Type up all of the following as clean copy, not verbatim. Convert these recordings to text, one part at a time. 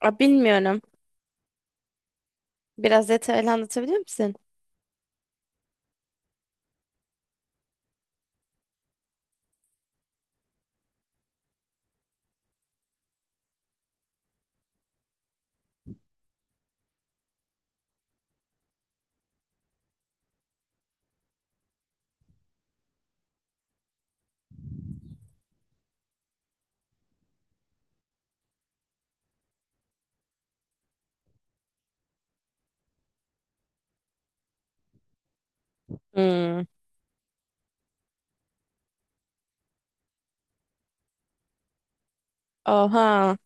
Aa, bilmiyorum. Biraz detaylı anlatabilir misin? Hmm. Oha.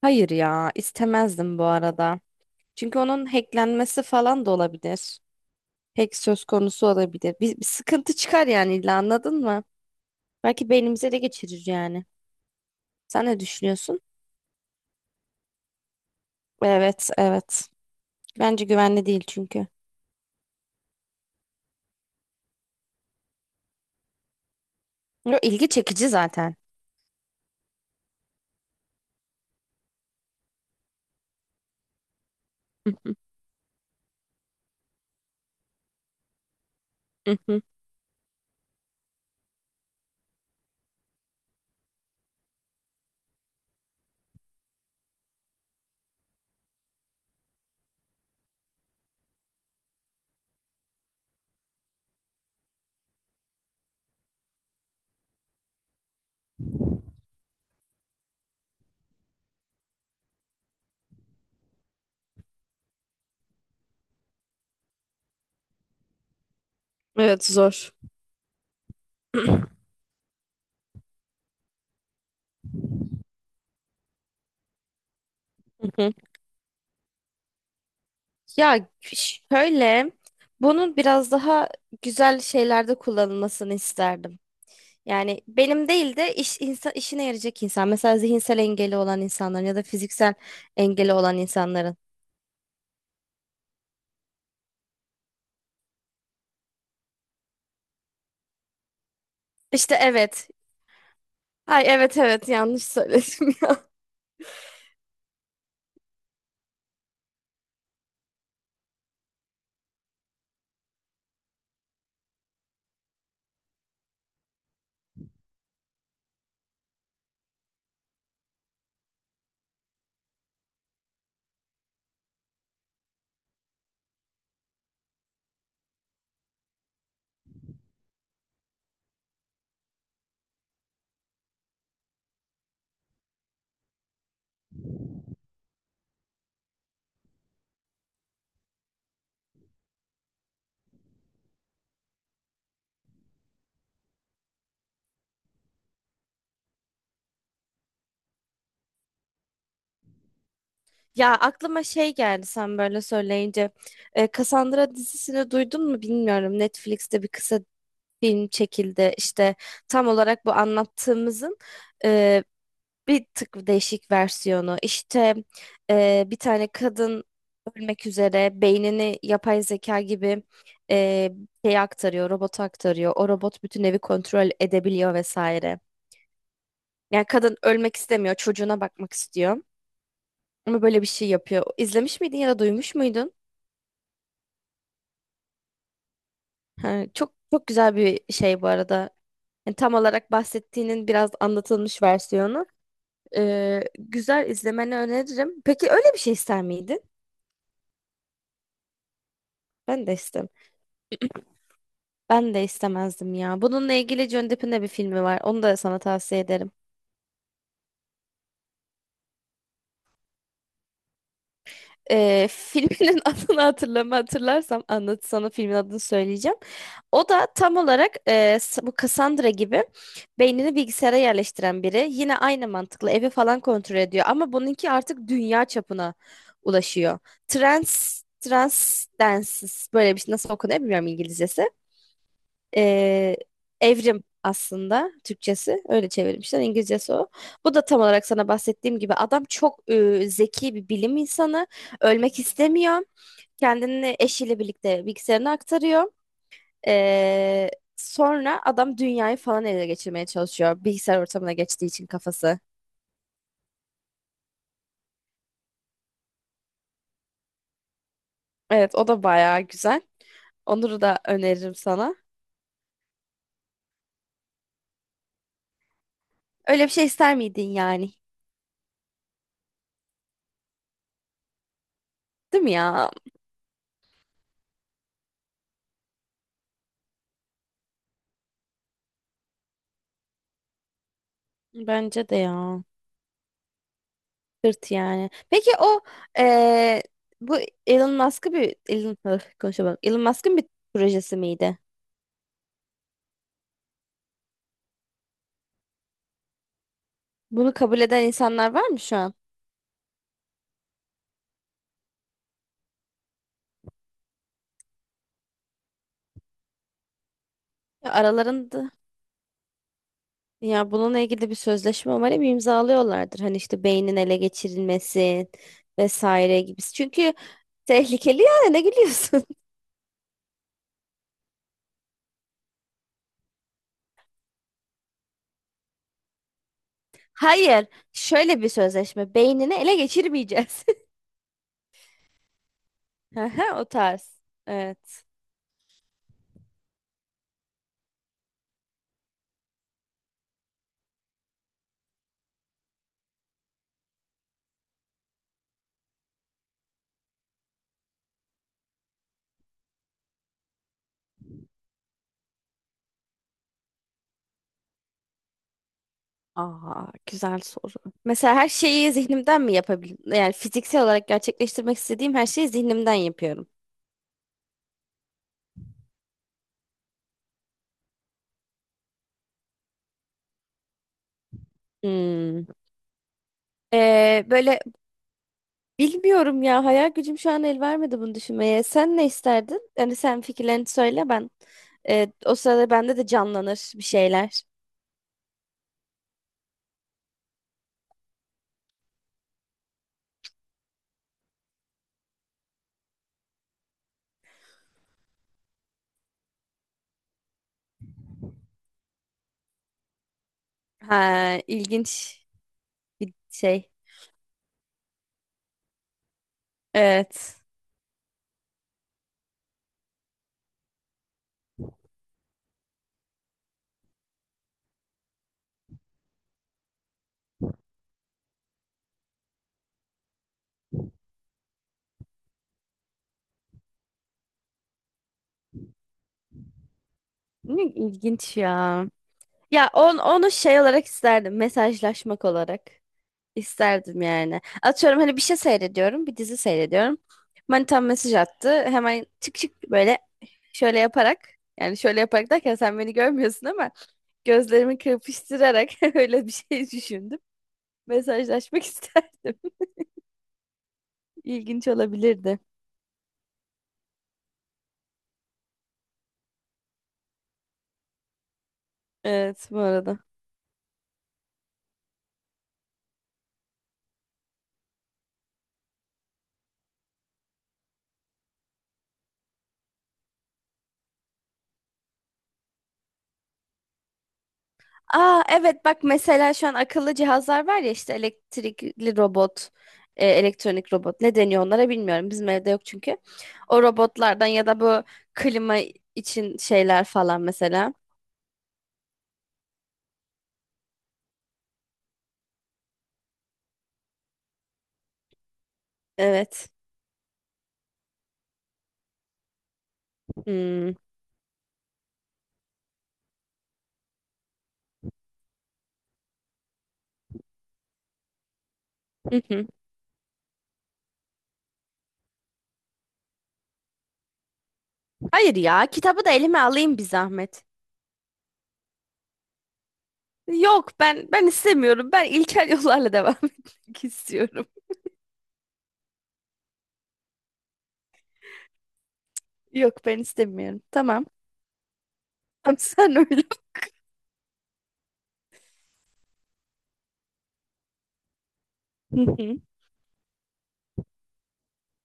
Hayır ya, istemezdim bu arada. Çünkü onun hacklenmesi falan da olabilir. Hack söz konusu olabilir. Bir sıkıntı çıkar yani illa anladın mı? Belki beynimize de geçirir yani. Sen ne düşünüyorsun? Evet, evet. Bence güvenli değil çünkü. Yo, ilgi çekici zaten. Evet zor. Ya şöyle, bunun biraz daha güzel şeylerde kullanılmasını isterdim. Yani benim değil de işine yarayacak insan. Mesela zihinsel engeli olan insanların ya da fiziksel engeli olan insanların. İşte evet. Ay evet evet yanlış söyledim ya. Ya aklıma şey geldi sen böyle söyleyince. Cassandra dizisini duydun mu bilmiyorum. Netflix'te bir kısa film çekildi. İşte tam olarak bu anlattığımızın e, bir tık değişik versiyonu. İşte bir tane kadın ölmek üzere beynini yapay zeka gibi e, şeye aktarıyor, robota aktarıyor. O robot bütün evi kontrol edebiliyor vesaire. Yani kadın ölmek istemiyor, çocuğuna bakmak istiyor. Ama böyle bir şey yapıyor. İzlemiş miydin ya da duymuş muydun? Ha, çok çok güzel bir şey bu arada. Yani tam olarak bahsettiğinin biraz anlatılmış versiyonu. Güzel izlemeni öneririm. Peki öyle bir şey ister miydin? Ben de istem. Ben de istemezdim ya. Bununla ilgili Johnny Depp'in de bir filmi var. Onu da sana tavsiye ederim. Filminin adını hatırlarsam anlat sana filmin adını söyleyeceğim. O da tam olarak bu Cassandra gibi beynini bilgisayara yerleştiren biri. Yine aynı mantıkla evi falan kontrol ediyor ama bununki artık dünya çapına ulaşıyor. Transdensis böyle bir şey nasıl okunuyor bilmiyorum İngilizcesi. Ee, evrim aslında Türkçesi. Öyle çevirmişler. İngilizcesi o. Bu da tam olarak sana bahsettiğim gibi adam çok zeki bir bilim insanı. Ölmek istemiyor. Kendini eşiyle birlikte bilgisayarına aktarıyor. Ee, sonra adam dünyayı falan ele geçirmeye çalışıyor. Bilgisayar ortamına geçtiği için kafası. Evet o da bayağı güzel. Onur'u da öneririm sana. Öyle bir şey ister miydin yani? Değil mi ya? Bence de ya. Sırt yani. Peki o eee, bu Elon Musk'ı bir Elon öf, konuşamadım. Elon Musk'ın bir projesi miydi? Bunu kabul eden insanlar var mı şu an? Ya aralarında ya bununla ilgili bir sözleşme umarım imzalıyorlardır. Hani işte beynin ele geçirilmesi vesaire gibisi. Çünkü tehlikeli yani ne gülüyorsun? Hayır, şöyle bir sözleşme. Beynini ele geçirmeyeceğiz. Aha, o tarz. Evet. Aa, güzel soru. Mesela her şeyi zihnimden mi yapabilirim? Yani fiziksel olarak gerçekleştirmek istediğim her şeyi zihnimden yapıyorum. Hmm. Böyle bilmiyorum ya hayal gücüm şu an el vermedi bunu düşünmeye. Sen ne isterdin? Yani sen fikirlerini söyle ben. O sırada bende de canlanır bir şeyler. Ha, ilginç bir şey. Evet. Ne İlginç ya. Ya onu şey olarak isterdim. Mesajlaşmak olarak. İsterdim yani. Atıyorum hani bir şey seyrediyorum, bir dizi seyrediyorum. Manitam mesaj attı. Hemen çık çık böyle şöyle yaparak yani şöyle yaparak derken sen beni görmüyorsun ama gözlerimi kırpıştırarak öyle bir şey düşündüm. Mesajlaşmak isterdim. İlginç olabilirdi. Evet bu arada. Aa evet bak mesela şu an akıllı cihazlar var ya işte elektrikli robot, elektronik robot ne deniyor onlara bilmiyorum. Bizim evde yok çünkü. O robotlardan ya da bu klima için şeyler falan mesela. Evet. Hmm. Hı hı. Hayır ya kitabı da elime alayım bir zahmet. Yok ben istemiyorum. Ben ilkel yollarla devam etmek istiyorum. Yok ben istemiyorum. Tamam. Tamam sen öyle. Hı hı.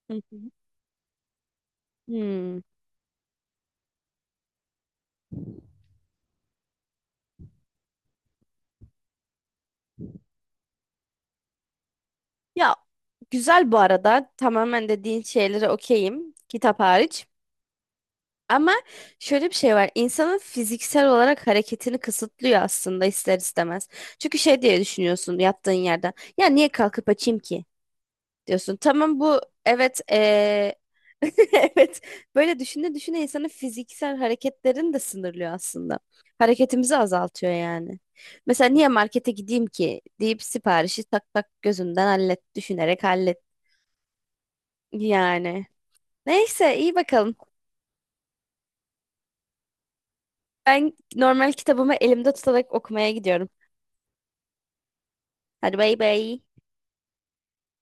Hı hı. Hmm. Ya güzel bu arada. Tamamen dediğin şeylere okeyim. Kitap hariç. Ama şöyle bir şey var. İnsanın fiziksel olarak hareketini kısıtlıyor aslında ister istemez. Çünkü şey diye düşünüyorsun yattığın yerden. Ya niye kalkıp açayım ki? Diyorsun. Tamam bu evet evet böyle düşüne düşüne insanın fiziksel hareketlerini de sınırlıyor aslında. Hareketimizi azaltıyor yani. Mesela niye markete gideyim ki deyip siparişi tak tak gözünden hallet düşünerek hallet yani. Neyse iyi bakalım. Ben normal kitabımı elimde tutarak okumaya gidiyorum. Hadi bay bay.